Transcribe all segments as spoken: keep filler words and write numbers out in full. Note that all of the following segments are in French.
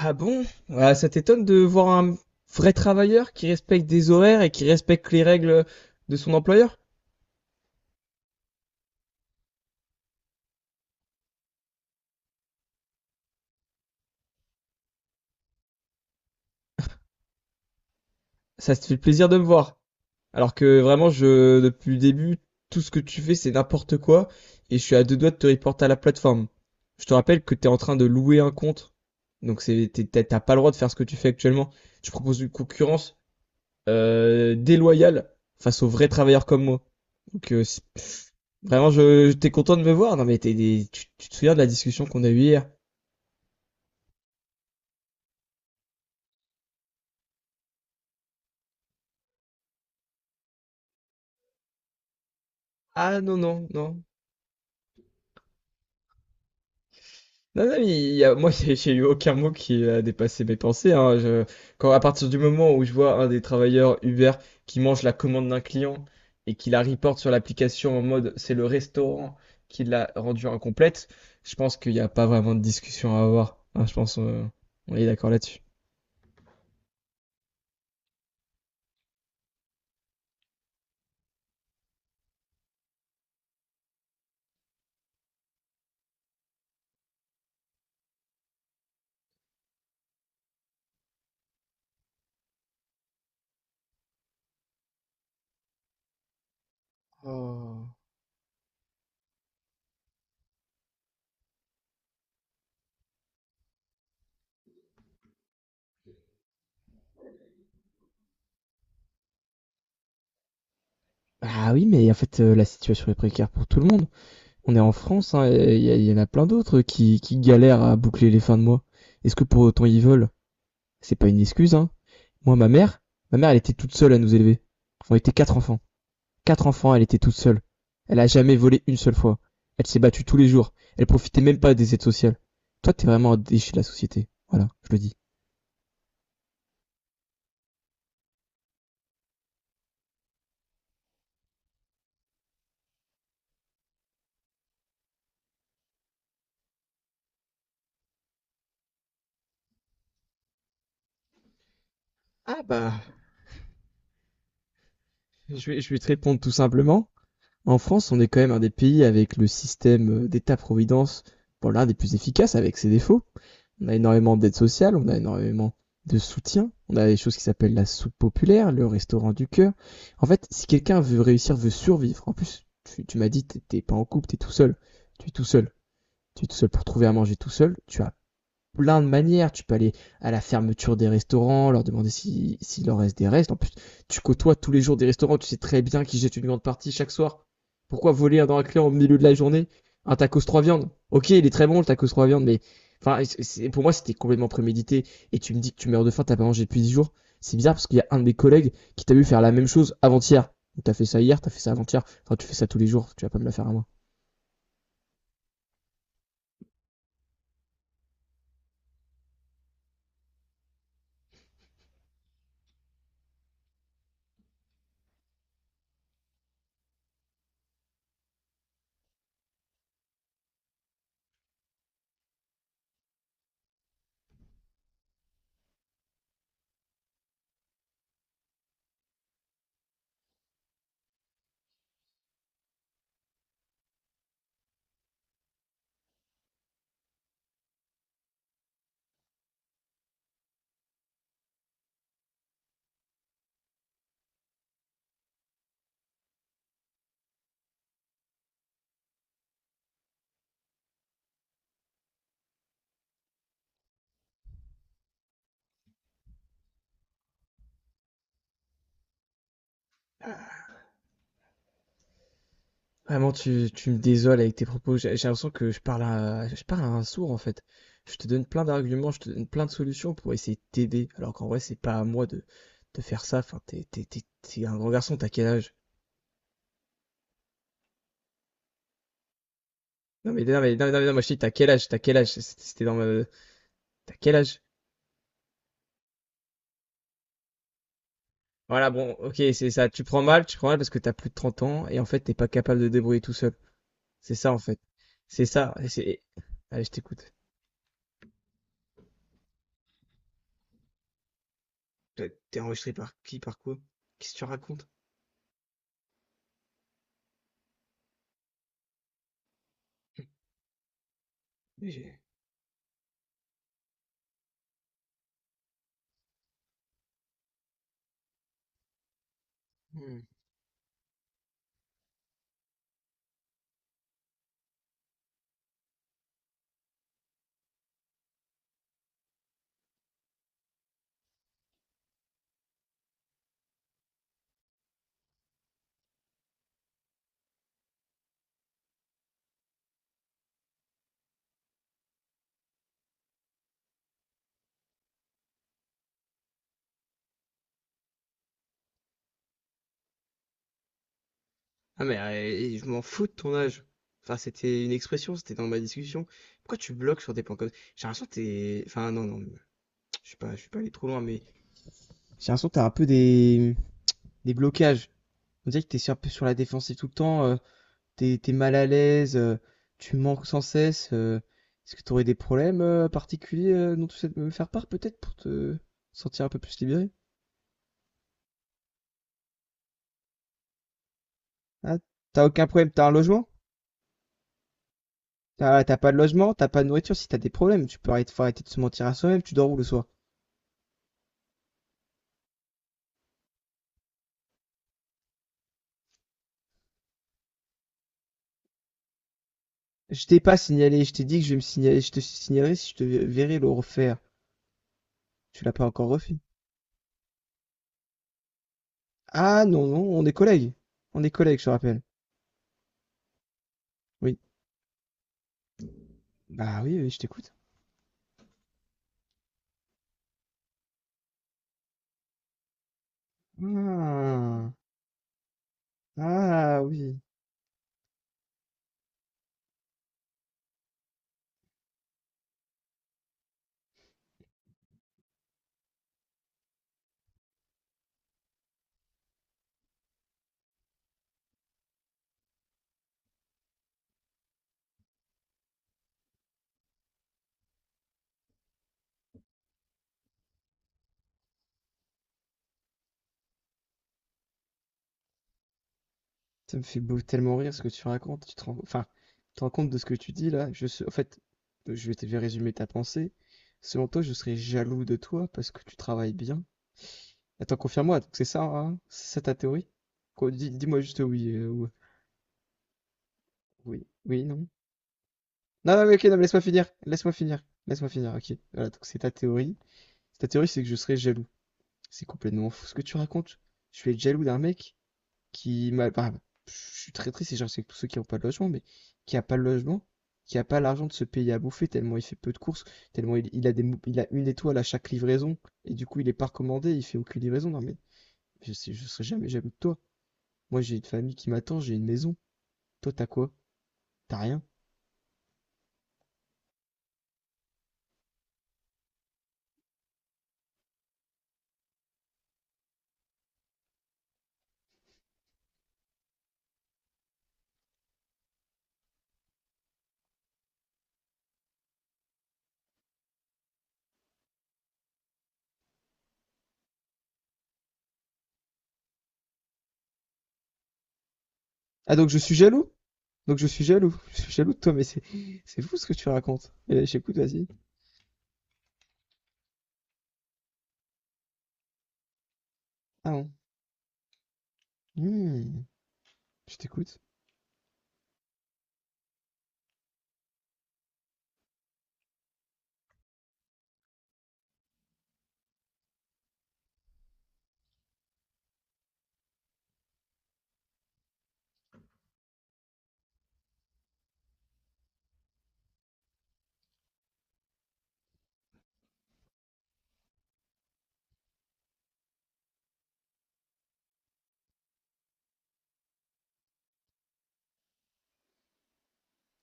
Ah bon? Ah, ça t'étonne de voir un vrai travailleur qui respecte des horaires et qui respecte les règles de son employeur? Ça te fait plaisir de me voir. Alors que vraiment, je, depuis le début, tout ce que tu fais, c'est n'importe quoi et je suis à deux doigts de te reporter à la plateforme. Je te rappelle que t'es en train de louer un compte. Donc c'est, t'es- t'as t'as pas le droit de faire ce que tu fais actuellement. Tu proposes une concurrence, euh, déloyale face aux vrais travailleurs comme moi. Donc, euh, c- vraiment, je, je- t'es content de me voir. Non, mais t'es des- tu, tu te souviens de la discussion qu'on a eue hier? Ah non, non, non. Non, non, mais il y a, moi, j'ai j'ai eu aucun mot qui a dépassé mes pensées, hein. Je- quand, à partir du moment où je vois un des travailleurs Uber qui mange la commande d'un client et qui la reporte sur l'application en mode c'est le restaurant qui l'a rendue incomplète, je pense qu'il n'y a pas vraiment de discussion à avoir. Hein, je pense euh, on est d'accord là-dessus. Oh. Ah oui, mais en fait, euh, la situation est précaire pour tout le monde. On est en France, hein, et il y, y en a plein d'autres qui, qui galèrent à boucler les fins de mois. Est-ce que pour autant ils veulent C'est pas une excuse, hein. Moi, ma mère, ma mère, elle était toute seule à nous élever. On était quatre enfants. Quatre enfants, elle était toute seule. Elle a jamais volé une seule fois. Elle s'est battue tous les jours. Elle profitait même pas des aides sociales. Toi, t'es vraiment un déchet de la société. Voilà, je le dis. Ah bah, je vais, je vais te répondre tout simplement. En France, on est quand même un des pays avec le système euh, d'État-providence, bon, l'un des plus efficaces avec ses défauts. On a énormément d'aide sociale, on a énormément de soutien, on a des choses qui s'appellent la soupe populaire, le restaurant du cœur. En fait, si quelqu'un veut réussir, veut survivre, en plus, tu, tu m'as dit, t'es t'es pas en couple, t'es tout seul, tu es tout seul, tu es tout seul pour trouver à manger tout seul, tu as plein de manières. Tu peux aller à la fermeture des restaurants, leur demander s'il si- s'il leur reste des restes. En plus, tu côtoies tous les jours des restaurants, tu sais très bien qu'ils jettent une grande partie chaque soir. Pourquoi voler un dans un client au milieu de la journée un tacos trois viandes? Ok, il est très bon le tacos trois viandes, mais enfin, c'est- pour moi, c'était complètement prémédité. Et tu me dis que tu meurs de faim, t'as pas mangé depuis dix jours. C'est bizarre parce qu'il y a un de mes collègues qui t'a vu faire la même chose avant-hier. Donc, t'as fait ça hier, t'as fait ça avant-hier. Enfin, tu fais ça tous les jours, tu vas pas me la faire à moi. Vraiment, tu, tu me désoles avec tes propos. J'ai j'ai l'impression que je parle à, je parle à un sourd, en fait. Je te donne plein d'arguments, je te donne plein de solutions pour essayer de t'aider. Alors qu'en vrai, c'est pas à moi de, de faire ça. Enfin, t'es, t'es, t'es, t'es un grand garçon, t'as quel âge? Non, mais, non, mais, non, mais, non, mais, non, moi, je te dis, t'as quel âge? T'as quel âge? C'était c'était dans ma, t'as quel âge? Voilà, bon, ok, c'est ça. Tu prends mal, tu prends mal parce que t'as plus de trente ans et en fait, t'es pas capable de te débrouiller tout seul. C'est ça, en fait. C'est ça. Et c'est- Allez, je t'écoute. T'es t'es enregistré par qui, par quoi? Qu'est-ce que tu racontes? Mais j'ai- Hmm. Ah mais eh, je m'en fous de ton âge. Enfin, c'était une expression, c'était dans ma discussion. Pourquoi tu bloques sur des points comme ça? J'ai l'impression que t'es... Enfin, non, non, je suis pas, je suis pas allé trop loin, mais... J'ai l'impression que t'as un peu des... des blocages. On dirait que t'es sur- un peu sur la défensive tout le temps, euh, t'es, t'es mal à l'aise, euh, tu manques sans cesse. euh, est-ce que t'aurais des problèmes euh, particuliers euh, dont tu sais me faire part peut-être pour te sentir un peu plus libéré? Ah, t'as aucun problème, t'as un logement? T'as, t'as pas de logement, t'as pas de nourriture, si t'as des problèmes, tu peux arrêter, faut arrêter de se mentir à soi-même, tu dors où le soir? Je t'ai pas signalé, je t'ai dit que je vais me signaler, je te signalerai si je te verrai le refaire. Tu l'as pas encore refait. Ah non, non, on est collègues. On est collègues, je te rappelle. Oui. Bah oui, oui, je t'écoute. Ah, ah oui. Ça me fait beau- tellement rire ce que tu racontes. Tu te rends, enfin, tu te rends compte de ce que tu dis là. Je se- en fait, je vais te faire résumer ta pensée. Selon toi, je serais jaloux de toi parce que tu travailles bien. Attends, confirme-moi, donc c'est ça, hein C'est ça ta théorie? Quoi, dis, moi juste oui, euh, ou- oui, oui, non. Non, non, mais ok, non, mais laisse-moi finir. Laisse-moi finir. Laisse-moi finir. Ok. Voilà, donc c'est ta théorie. Ta théorie, c'est que je serais jaloux. C'est complètement fou ce que tu racontes. Je vais être jaloux d'un mec qui m'a. Enfin, je suis très triste et j'en sais que tous ceux qui n'ont pas de logement, mais qui a pas de logement, qui a pas l'argent de se payer à bouffer tellement il fait peu de courses, tellement il, il a des, mou- il a une étoile à chaque livraison et du coup il est pas recommandé, il fait aucune livraison. Non, mais je sais, je serais jamais jaloux de toi. Moi, j'ai une famille qui m'attend, j'ai une maison. Toi, t'as quoi? T'as rien. Ah, donc je suis jaloux? Donc je suis jaloux. Je suis jaloux de toi, mais c'est c'est fou ce que tu racontes. Et là, j'écoute, vas-y. Ah bon. Hmm, je t'écoute.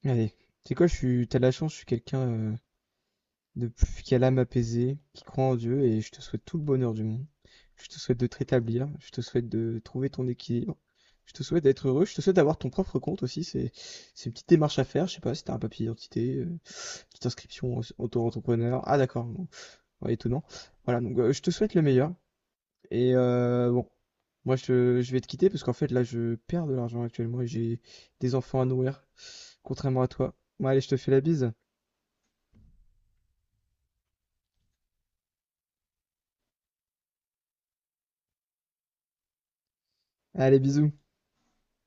Allez. C'est quoi, je suis, t'as de la chance, je suis quelqu'un euh, de plus qui a l'âme apaisée, qui croit en Dieu, et je te souhaite tout le bonheur du monde. Je te souhaite de te rétablir, je te souhaite de trouver ton équilibre, je te souhaite d'être heureux, je te souhaite d'avoir ton propre compte aussi, c'est c'est une petite démarche à faire, je sais pas si t'as un papier d'identité, euh, petite inscription en- auto-entrepreneur, ah d'accord, bon, ouais, étonnant. Voilà, donc euh, je te souhaite le meilleur, et euh, bon, moi, je, je vais te quitter parce qu'en fait, là, je perds de l'argent actuellement et j'ai des enfants à nourrir, contrairement à toi. Bon, allez, je te fais la bise. Allez, bisous.